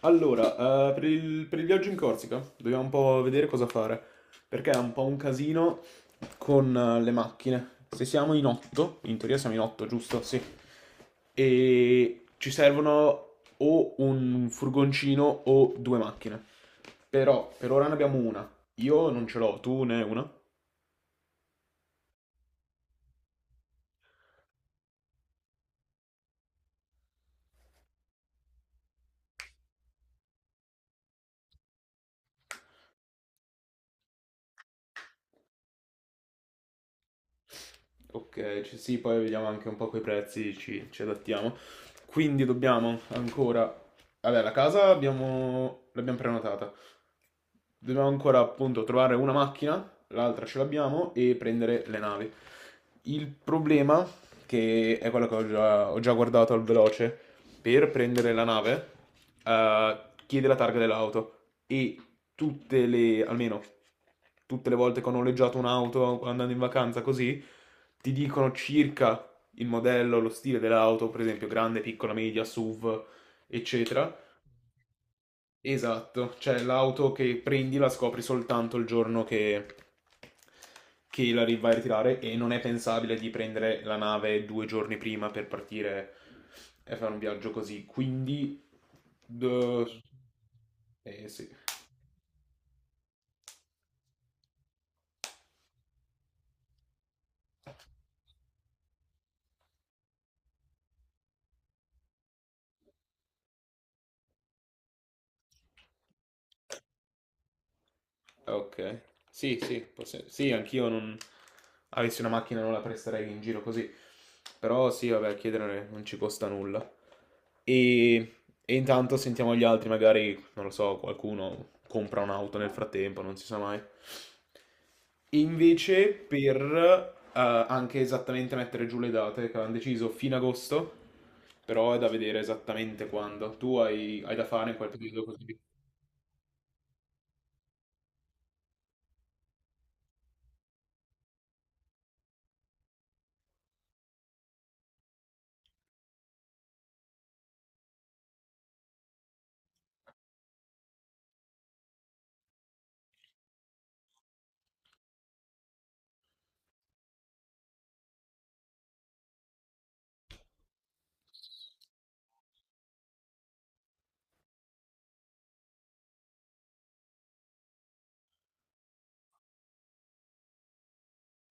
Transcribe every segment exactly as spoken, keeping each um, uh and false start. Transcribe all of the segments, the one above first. Allora, eh, per il, per il viaggio in Corsica dobbiamo un po' vedere cosa fare, perché è un po' un casino con eh, le macchine. Se siamo in otto, in teoria siamo in otto, giusto? Sì. E ci servono o un furgoncino o due macchine. Però per ora ne abbiamo una. Io non ce l'ho, tu ne hai una? Ok, ci- sì, poi vediamo anche un po' quei prezzi, ci, ci adattiamo. Quindi dobbiamo ancora... Vabbè, la casa abbiamo... l'abbiamo prenotata. Dobbiamo ancora appunto trovare una macchina, l'altra ce l'abbiamo, e prendere le navi. Il problema, che è quello che ho già, ho già guardato al veloce, per prendere la nave, eh, chiede la targa dell'auto e tutte le, almeno tutte le volte che ho noleggiato un'auto andando in vacanza così, ti dicono circa il modello, lo stile dell'auto, per esempio grande, piccola, media, SUV, eccetera. Esatto, cioè l'auto che prendi la scopri soltanto il giorno che, che la ri- vai a ritirare e non è pensabile di prendere la nave due giorni prima per partire e fare un viaggio così. Quindi, d- eh, sì. Ok. Sì, sì, forse- sì, anch'io non... Avessi una macchina non la presterei in giro così. Però sì, vabbè, chiedere non ci costa nulla. E, e intanto sentiamo gli altri, magari, non lo so, qualcuno compra un'auto nel frattempo, non si sa mai. Invece per eh, anche esattamente mettere giù le date che avevano deciso fino agosto, però è da vedere esattamente quando. Tu hai, hai da fare in quel periodo così.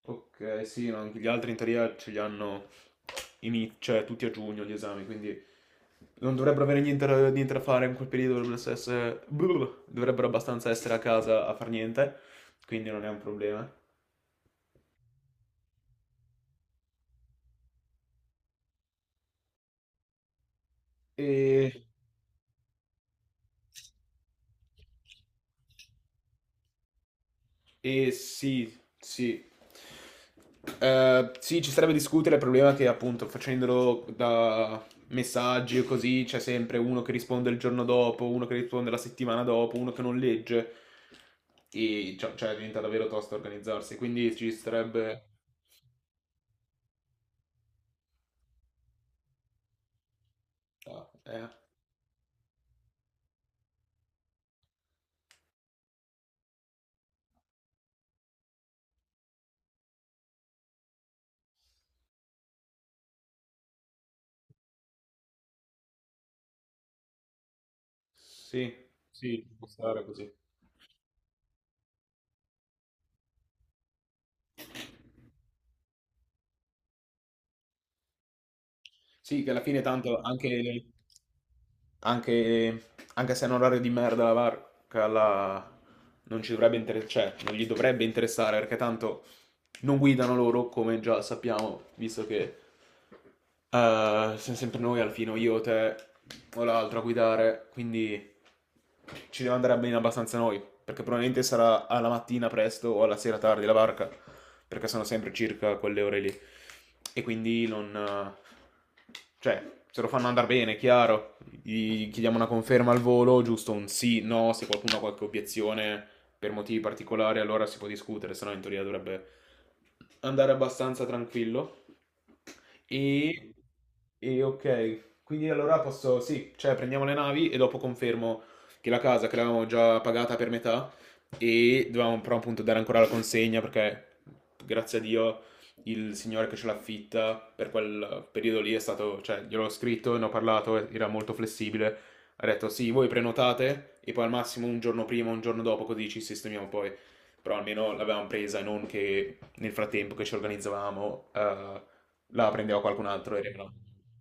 Ok, sì, no, anche gli altri in teoria ce li hanno ini- cioè, tutti a giugno gli esami, quindi non dovrebbero avere niente, da niente da fare in quel periodo, dovrebbero, essere, dovrebbero abbastanza essere a casa a far niente, quindi non è un problema. E E sì, sì. Eh, sì, ci sarebbe discutere, il problema è che appunto facendolo da messaggi o così c'è sempre uno che risponde il giorno dopo, uno che risponde la settimana dopo, uno che non legge e cioè, cioè, diventa davvero tosto organizzarsi, quindi ci sarebbe... Ah, eh, sì, sì, ci può stare così. Sì, che alla fine tanto anche... Anche, anche se è un orario di merda la barca, la- non ci dovrebbe interessare, cioè, non gli dovrebbe interessare perché tanto non guidano loro, come già sappiamo, visto che eh, siamo sempre noi al fine, o io, te o l'altro a guidare, quindi ci deve andare bene abbastanza noi, perché probabilmente sarà alla mattina presto o alla sera tardi la barca, perché sono sempre circa quelle ore lì. E quindi non... eh, cioè, se lo fanno andare bene, chiaro gli chiediamo una conferma al volo, giusto un sì, no, se qualcuno ha qualche obiezione per motivi particolari allora si può discutere, se no in teoria dovrebbe andare abbastanza tranquillo. E, e ok, quindi allora posso, sì, cioè prendiamo le navi e dopo confermo che la casa che l'avevamo già pagata per metà e dovevamo però appunto dare ancora la consegna perché grazie a Dio il signore che ce l'affitta per quel periodo lì è stato, cioè gliel'ho scritto, ne ho parlato, e era molto flessibile, ha detto sì, voi prenotate e poi al massimo un giorno prima, un giorno dopo così ci sistemiamo poi, però almeno l'avevamo presa e non che nel frattempo che ci organizzavamo... eh, la prendeva qualcun altro e rimaneva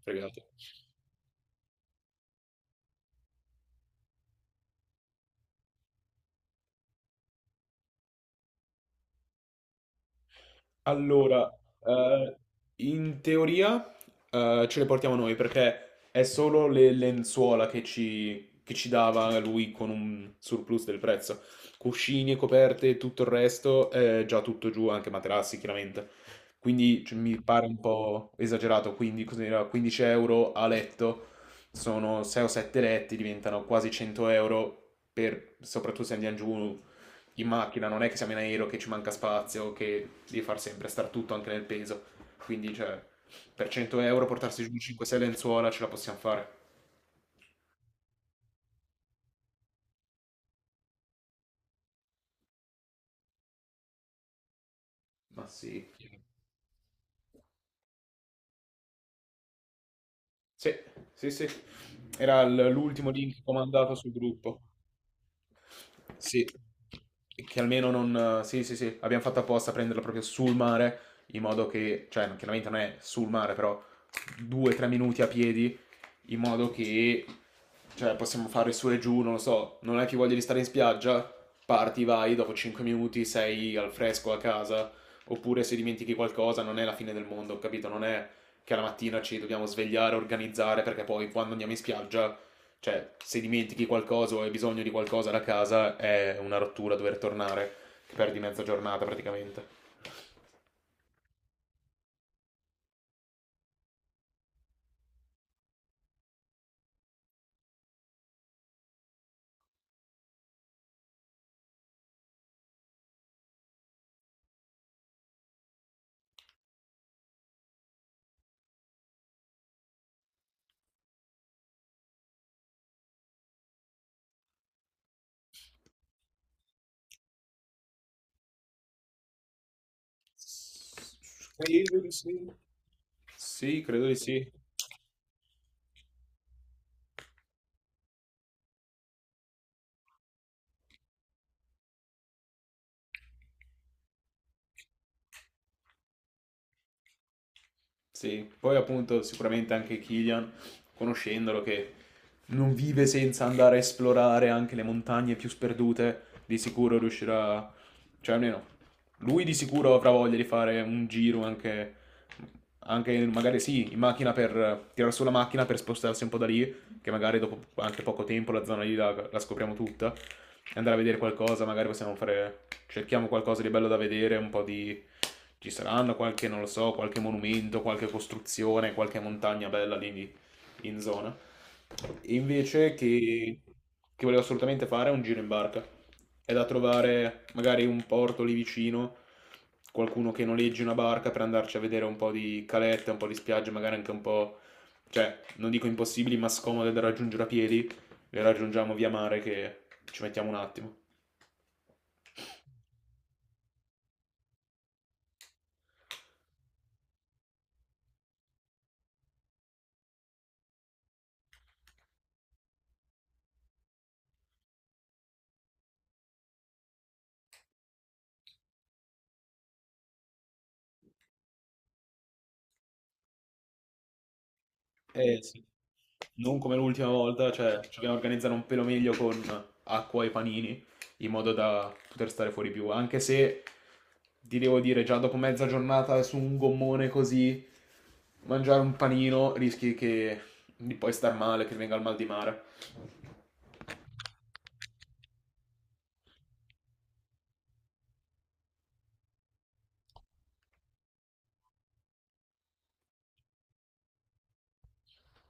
fregato. Allora, eh, in teoria eh, ce le portiamo noi perché è solo le lenzuola che ci, che ci dava lui con un surplus del prezzo. Cuscini e coperte, tutto il resto è già tutto giù, anche materassi chiaramente. Quindi cioè, mi pare un po' esagerato, quindi cos'era? quindici euro a letto sono sei o sette letti, diventano quasi cento euro per, soprattutto se andiamo giù in macchina, non è che siamo in aereo che ci manca spazio, che devi far sempre star tutto anche nel peso. Quindi, cioè, per cento euro portarsi giù cinque sei lenzuola ce la possiamo fare. Ma sì. Sì, sì, sì. Era l- l'ultimo link comandato sul gruppo. Sì. E che almeno non... Sì, sì, sì. Abbiamo fatto apposta a prenderla proprio sul mare, in modo che... Cioè, chiaramente non è sul mare, però due tre minuti a piedi in modo che cioè, possiamo fare su e giù, non lo so, non hai più voglia di stare in spiaggia, parti, vai, dopo cinque minuti sei al fresco a casa, oppure se dimentichi qualcosa non è la fine del mondo, capito? Non è che alla mattina ci dobbiamo svegliare, organizzare, perché poi quando andiamo in spiaggia, cioè se dimentichi qualcosa o hai bisogno di qualcosa da casa è una rottura dover tornare, che perdi mezza giornata praticamente. Credo di sì. Sì, credo di sì. Sì, poi appunto sicuramente anche Killian, conoscendolo, che non vive senza andare a esplorare anche le montagne più sperdute, di sicuro riuscirà, cioè almeno lui di sicuro avrà voglia di fare un giro anche, anche magari sì, in macchina per tirare su la macchina per spostarsi un po' da lì, che magari dopo anche poco tempo la zona lì la, la scopriamo tutta, e andare a vedere qualcosa, magari possiamo fare, cerchiamo qualcosa di bello da vedere, un po' di... ci saranno qualche, non lo so, qualche monumento, qualche costruzione, qualche montagna bella lì in zona. E invece che, che volevo assolutamente fare è un giro in barca. È da trovare magari un porto lì vicino, qualcuno che noleggi una barca per andarci a vedere un po' di calette, un po' di spiagge, magari anche un po' cioè, non dico impossibili, ma scomode da raggiungere a piedi, le raggiungiamo via mare che ci mettiamo un attimo. Eh sì. Non come l'ultima volta, cioè, ci dobbiamo organizzare un pelo meglio con acqua e panini, in modo da poter stare fuori più, anche se ti devo dire, già dopo mezza giornata su un gommone così, mangiare un panino rischi che di poi star male, che venga il mal di mare.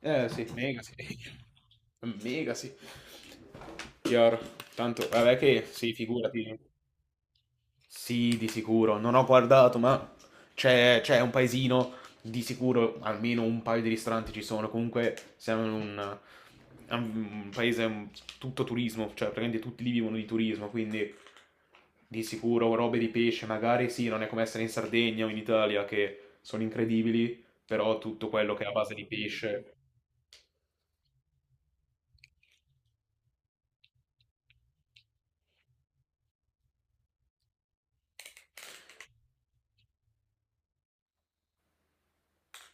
Eh sì, mega sì. Mega sì. Chiaro. Tanto, vabbè che sì, figurati. Sì, di sicuro. Non ho guardato, ma c'è c'è un paesino, di sicuro almeno un paio di ristoranti ci sono. Comunque siamo in un, è un paese un- tutto turismo, cioè praticamente tutti lì vivono di turismo, quindi di sicuro robe di pesce, magari sì, non è come essere in Sardegna o in Italia che sono incredibili, però tutto quello che è a base di pesce...